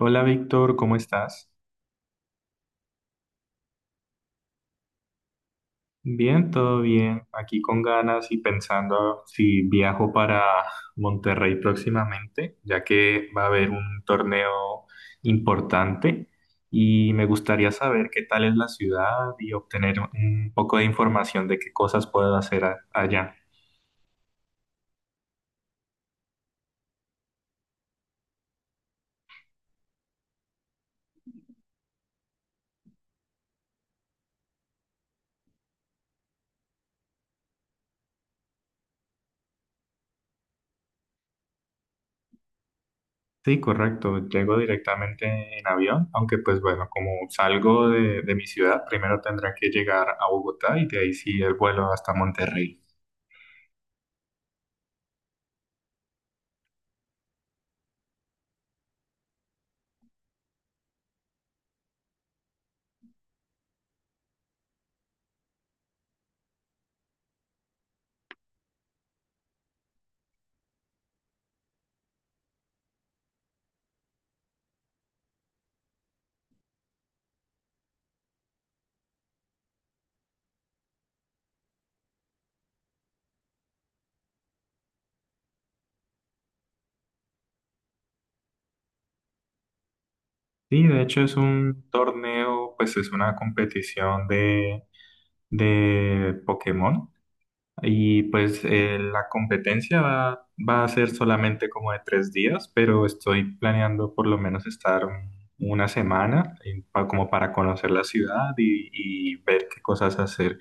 Hola Víctor, ¿cómo estás? Bien, todo bien. Aquí con ganas y pensando si viajo para Monterrey próximamente, ya que va a haber un torneo importante y me gustaría saber qué tal es la ciudad y obtener un poco de información de qué cosas puedo hacer allá. Sí, correcto. Llego directamente en avión, aunque pues bueno, como salgo de mi ciudad, primero tendré que llegar a Bogotá y de ahí sí el vuelo hasta Monterrey. Sí, de hecho es un torneo, pues es una competición de Pokémon y pues la competencia va a ser solamente como de 3 días, pero estoy planeando por lo menos estar una semana como para conocer la ciudad y ver qué cosas hacer.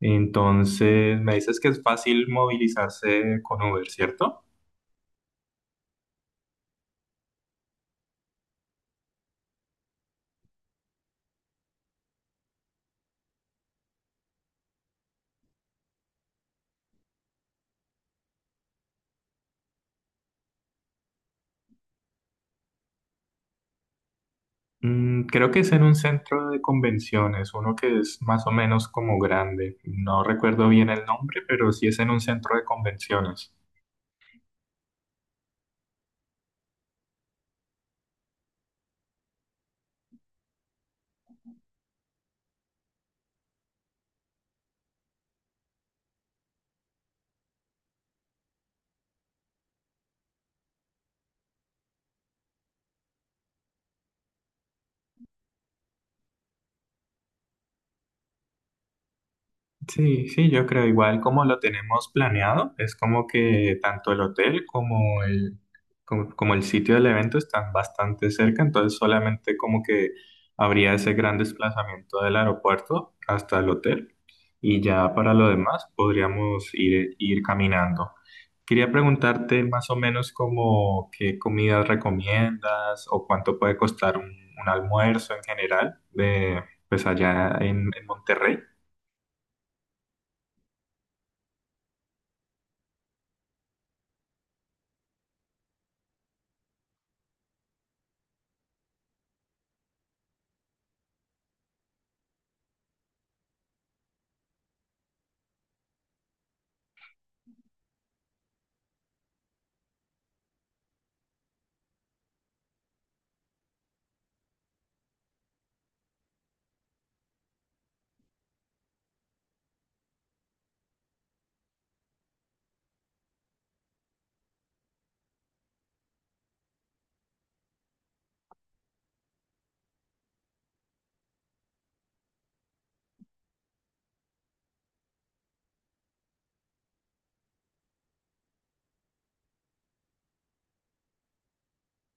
Entonces, me dices que es fácil movilizarse con Uber, ¿cierto? Creo que es en un centro de convenciones, uno que es más o menos como grande. No recuerdo bien el nombre, pero sí es en un centro de convenciones. Sí, sí, yo creo igual como lo tenemos planeado, es como que tanto el hotel como como el sitio del evento están bastante cerca, entonces solamente como que habría ese gran desplazamiento del aeropuerto hasta el hotel y ya para lo demás podríamos ir, ir caminando. Quería preguntarte más o menos como qué comidas recomiendas o cuánto puede costar un almuerzo en general de, pues allá en Monterrey.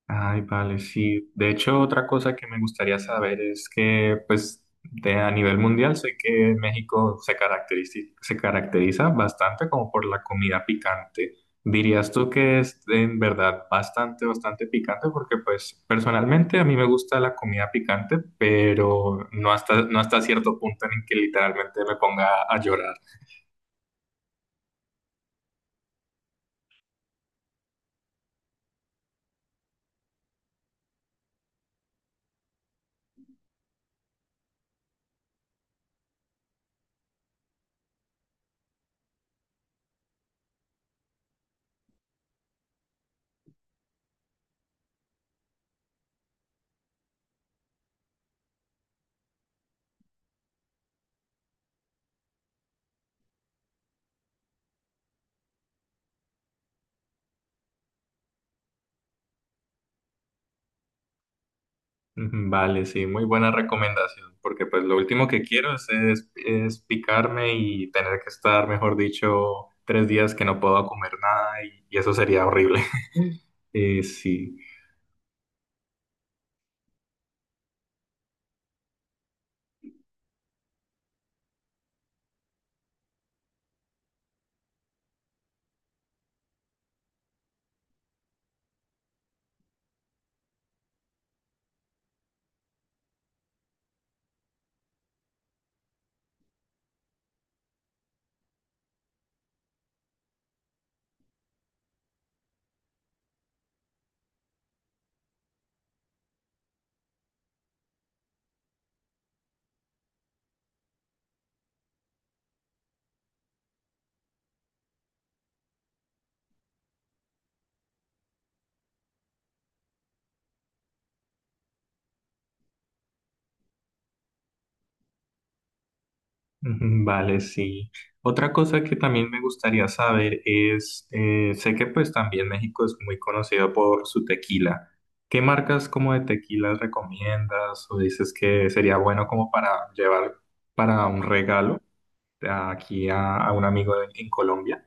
Ay, vale, sí. De hecho, otra cosa que me gustaría saber es que, pues, de, a nivel mundial sé que México se caracteriza bastante como por la comida picante. ¿Dirías tú que es en verdad bastante picante? Porque, pues, personalmente a mí me gusta la comida picante, pero no hasta cierto punto en el que literalmente me ponga a llorar. Ujú, vale, sí, muy buena recomendación, porque pues lo último que quiero es picarme y tener que estar, mejor dicho, 3 días que no puedo comer nada y, y eso sería horrible. Eh, sí, ujú, vale, sí. Otra cosa que también me gustaría saber es, sé que pues también México es muy conocido por su tequila. ¿Qué marcas como de tequilas recomiendas o dices que sería bueno como para llevar para un regalo aquí a un amigo en Colombia?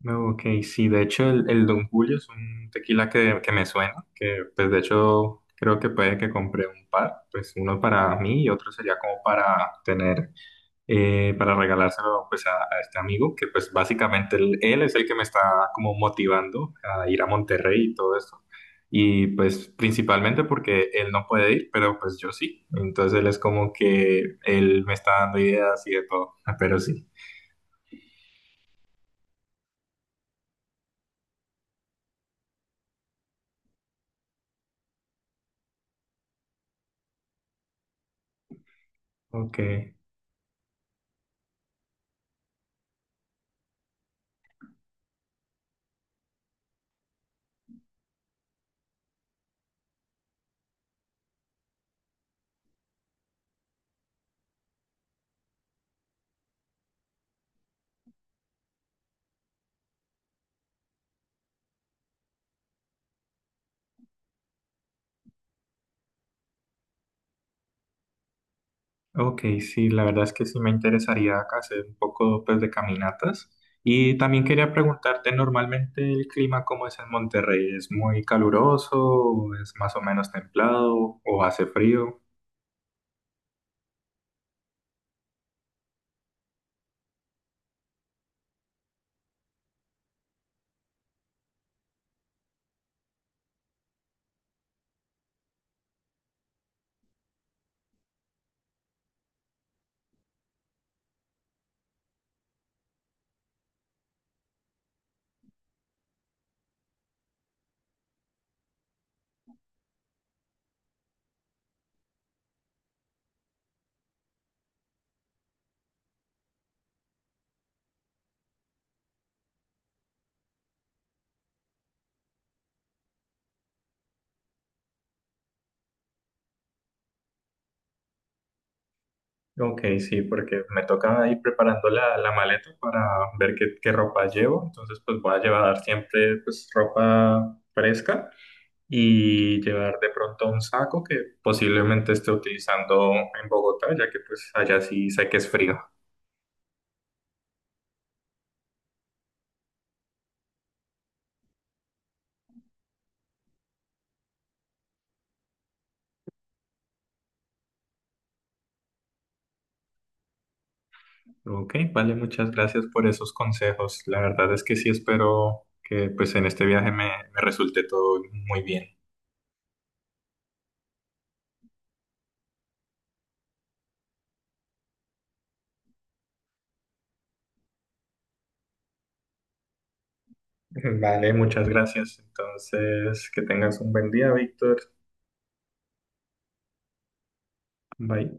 No, ok, sí, de hecho el Don Julio es un tequila que me suena, que pues de hecho creo que puede que compré un par, pues uno para mí y otro sería como para tener, para regalárselo pues a este amigo, que pues básicamente él es el que me está como motivando a ir a Monterrey y todo eso. Y pues principalmente porque él no puede ir, pero pues yo sí. Entonces él es como que él me está dando ideas y de todo, pero sí. Ok, ok, sí, la verdad es que sí me interesaría hacer un poco pues de caminatas. Y también quería preguntarte, normalmente el clima cómo es en Monterrey, ¿es muy caluroso, o es más o menos templado o hace frío? Ok, sí, porque me toca ir preparando la maleta para ver qué ropa llevo, entonces pues voy a llevar siempre pues ropa fresca y llevar de pronto un saco que posiblemente esté utilizando en Bogotá, ya que pues allá sí sé que es frío. Ok, vale, muchas gracias por esos consejos. La verdad es que sí espero que pues en este viaje me resulte todo muy bien. Vale, muchas gracias. Entonces, que tengas un buen día, Víctor. Bye.